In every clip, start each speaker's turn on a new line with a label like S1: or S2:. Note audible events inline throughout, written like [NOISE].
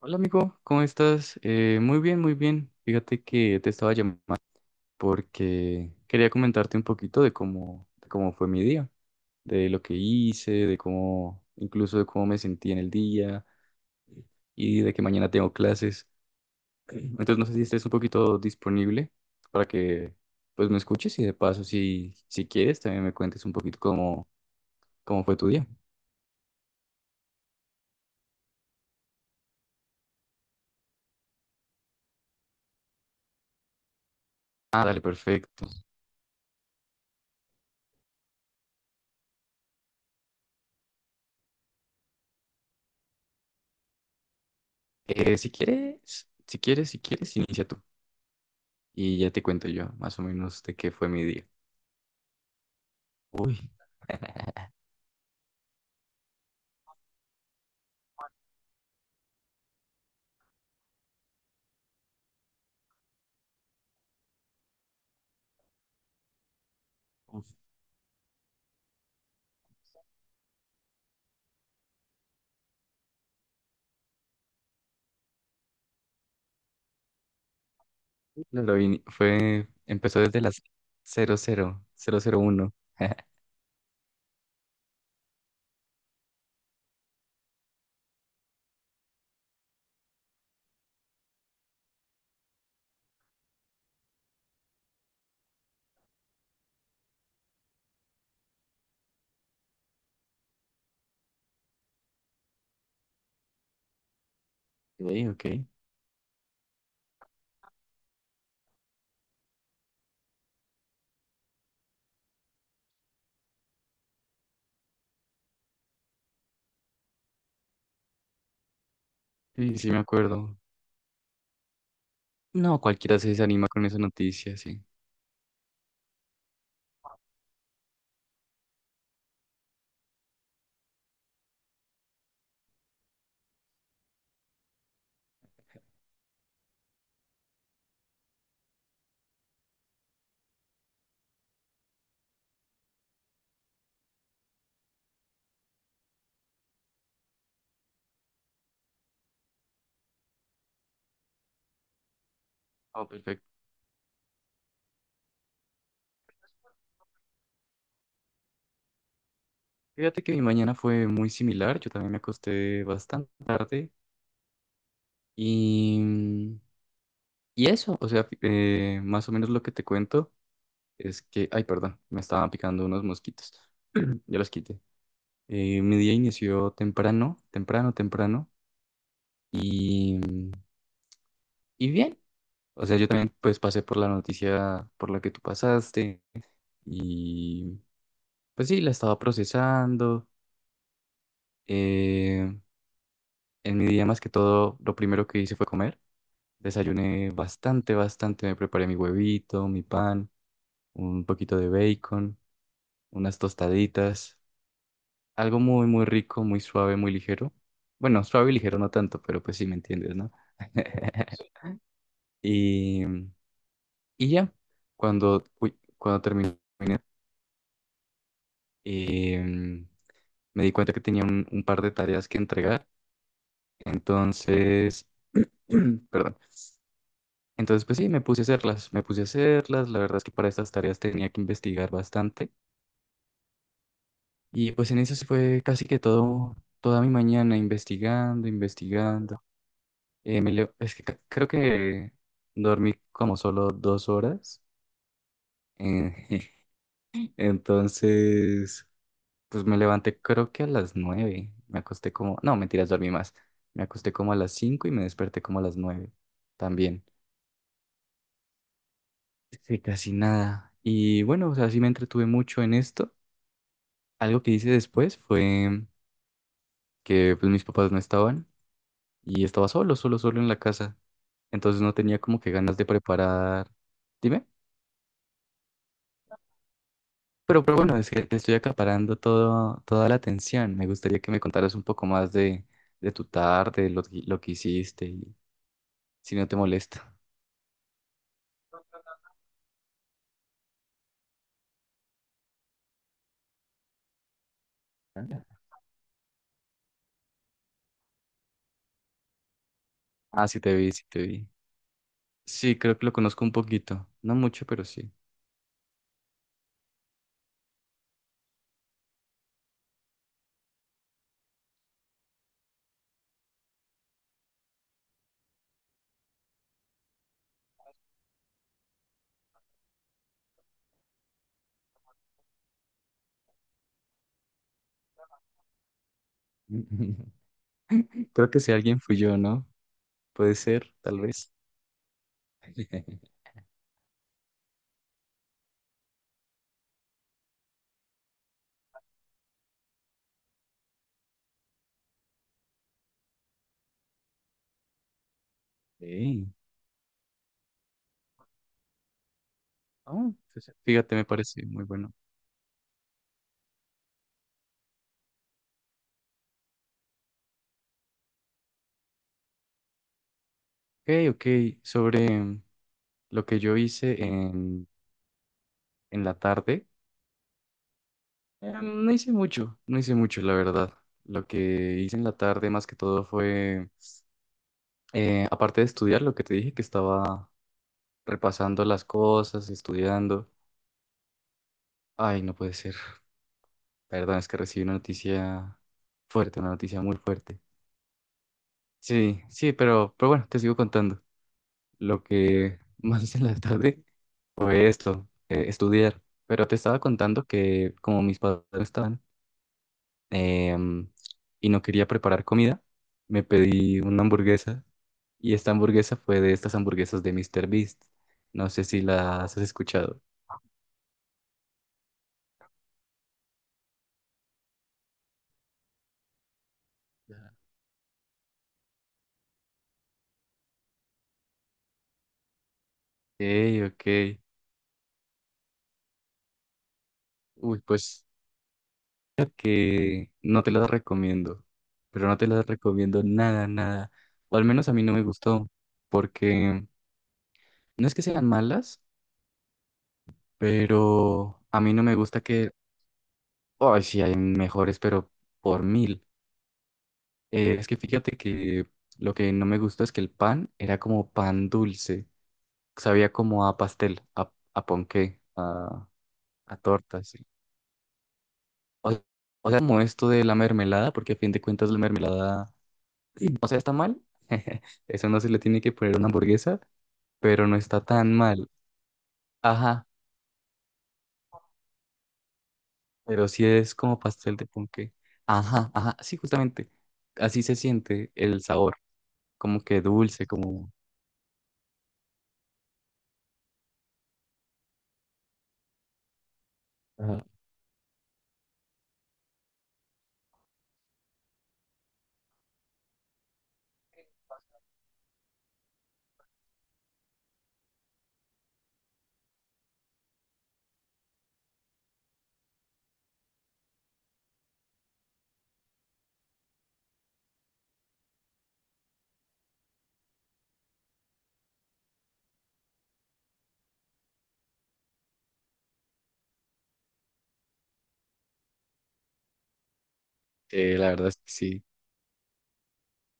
S1: Hola amigo, ¿cómo estás? Muy bien, muy bien. Fíjate que te estaba llamando porque quería comentarte un poquito de cómo fue mi día, de lo que hice, de cómo, incluso de cómo me sentí en el día y de que mañana tengo clases. [CLEARS THROAT] Entonces no sé si estés un poquito disponible para que pues me escuches y de paso si quieres también me cuentes un poquito cómo fue tu día. Ah, dale, perfecto. Si quieres, inicia tú. Y ya te cuento yo, más o menos, de qué fue mi día. Uy, [LAUGHS] uf, no, lo vi- ni- fue, empezó desde las cero cero cero 001. Ok, [LAUGHS] ok. Sí, sí, me acuerdo. No, cualquiera se desanima con esa noticia, sí. Oh, perfecto. Fíjate que mi mañana fue muy similar. Yo también me acosté bastante tarde. Y, mm, y eso, o sea, más o menos lo que te cuento es que, ay, perdón, me estaban picando unos mosquitos. [CLEARS THROAT] Ya los quité. Mi día inició temprano, temprano, temprano y, y bien. O sea, yo también pues pasé por la noticia por la que tú pasaste y pues sí, la estaba procesando. Eh, en mi día más que todo, lo primero que hice fue comer. Desayuné bastante, bastante. Me preparé mi huevito, mi pan, un poquito de bacon, unas tostaditas. Algo muy, muy rico, muy suave, muy ligero. Bueno, suave y ligero no tanto, pero pues sí me entiendes, ¿no? [LAUGHS] Y, y ya, cuando terminé, eh, me di cuenta que tenía un par de tareas que entregar. Entonces, [CLEARS THROAT] perdón. Entonces, pues sí, me puse a hacerlas, me puse a hacerlas. La verdad es que para estas tareas tenía que investigar bastante. Y pues en eso se fue casi que todo, toda mi mañana investigando, investigando. Me leo- es que ca- Creo que dormí como solo dos horas. eh, [LAUGHS] entonces. Pues me levanté creo que a las nueve. Me acosté como, no, mentiras, dormí más. Me acosté como a las cinco y me desperté como a las nueve también. Sí, casi nada. Y bueno, o sea, sí me entretuve mucho en esto. Algo que hice después fue que pues mis papás no estaban y estaba solo, solo, solo en la casa. Entonces no tenía como que ganas de preparar. Dime. Pero bueno, es que te estoy acaparando todo, toda la atención. Me gustaría que me contaras un poco más de tu tarde, lo que hiciste y si no te molesta. Ah, sí te vi, sí te vi. Sí, creo que lo conozco un poquito. No mucho, pero sí. [LAUGHS] Creo que si alguien fui yo, ¿no? Puede ser, tal vez. [LAUGHS] Sí. Ah, pues, fíjate, me parece muy bueno. Ok, ok. Sobre lo que yo hice en la tarde, no hice mucho, no hice mucho, la verdad. Lo que hice en la tarde más que todo fue, aparte de estudiar, lo que te dije que estaba repasando las cosas, estudiando. Ay, no puede ser. Perdón, es que recibí una noticia fuerte, una noticia muy fuerte. Sí, sí, pero bueno, te sigo contando. Lo que [LAUGHS] más hice en la tarde fue esto, estudiar. Pero te estaba contando que como mis padres no estaban em, y no quería preparar comida, me pedí una hamburguesa y esta hamburguesa fue de estas hamburguesas de Mr. Beast. No sé si las has escuchado. Ya. Ok, ok. Uy, pues que no te las recomiendo, pero no te las recomiendo nada, nada. O al menos a mí no me gustó, porque no es que sean malas, pero a mí no me gusta que, ay, sí, hay mejores, pero por mil. Es que fíjate que lo que no me gustó es que el pan era como pan dulce, sabía como a pastel, a ponqué, a torta, sí. O, o sea, como esto de la mermelada, porque a fin de cuentas la mermelada. Y, o sea, está mal. [LAUGHS] Eso no se le tiene que poner una hamburguesa, pero no está tan mal. Ajá, pero sí es como pastel de ponqué. Ajá, ajá, sí, justamente. Así se siente el sabor, como que dulce, como. Ajá. La verdad es que sí.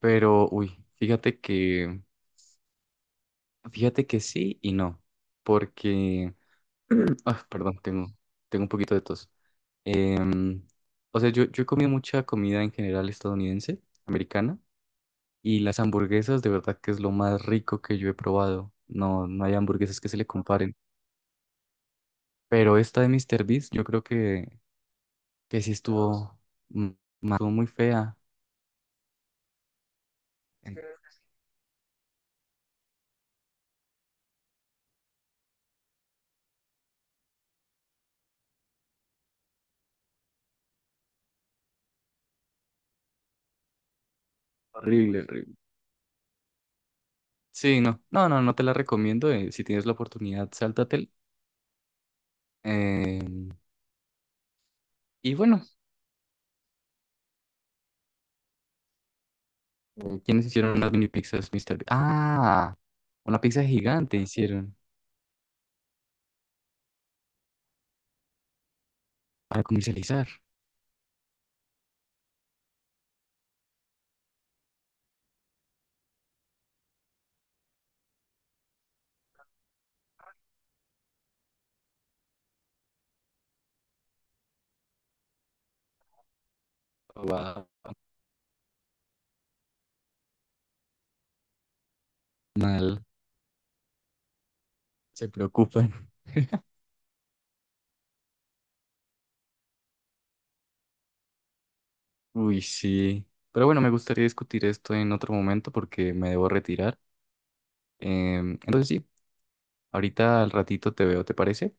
S1: Pero, uy, fíjate que sí y no, porque. [CLEARS THROAT] Ah, perdón, tengo un poquito de tos. Em, o sea, yo he comido mucha comida en general estadounidense, americana. Y las hamburguesas, de verdad que es lo más rico que yo he probado. No, no hay hamburguesas que se le comparen. Pero esta de Mr. Beast, yo creo que sí mm, estuvo muy fea. En- Horrible, horrible. Sí, no, no, no, no te la recomiendo. Si tienes la oportunidad, sáltatela. Eh, y bueno, ¿quiénes hicieron unas mini pizzas, Mr. Beast? Ah, una pizza gigante hicieron para comercializar. Wow, mal, se preocupan. Uy, sí. Pero bueno, me gustaría discutir esto en otro momento porque me debo retirar. Entonces sí, ahorita al ratito te veo, ¿te parece?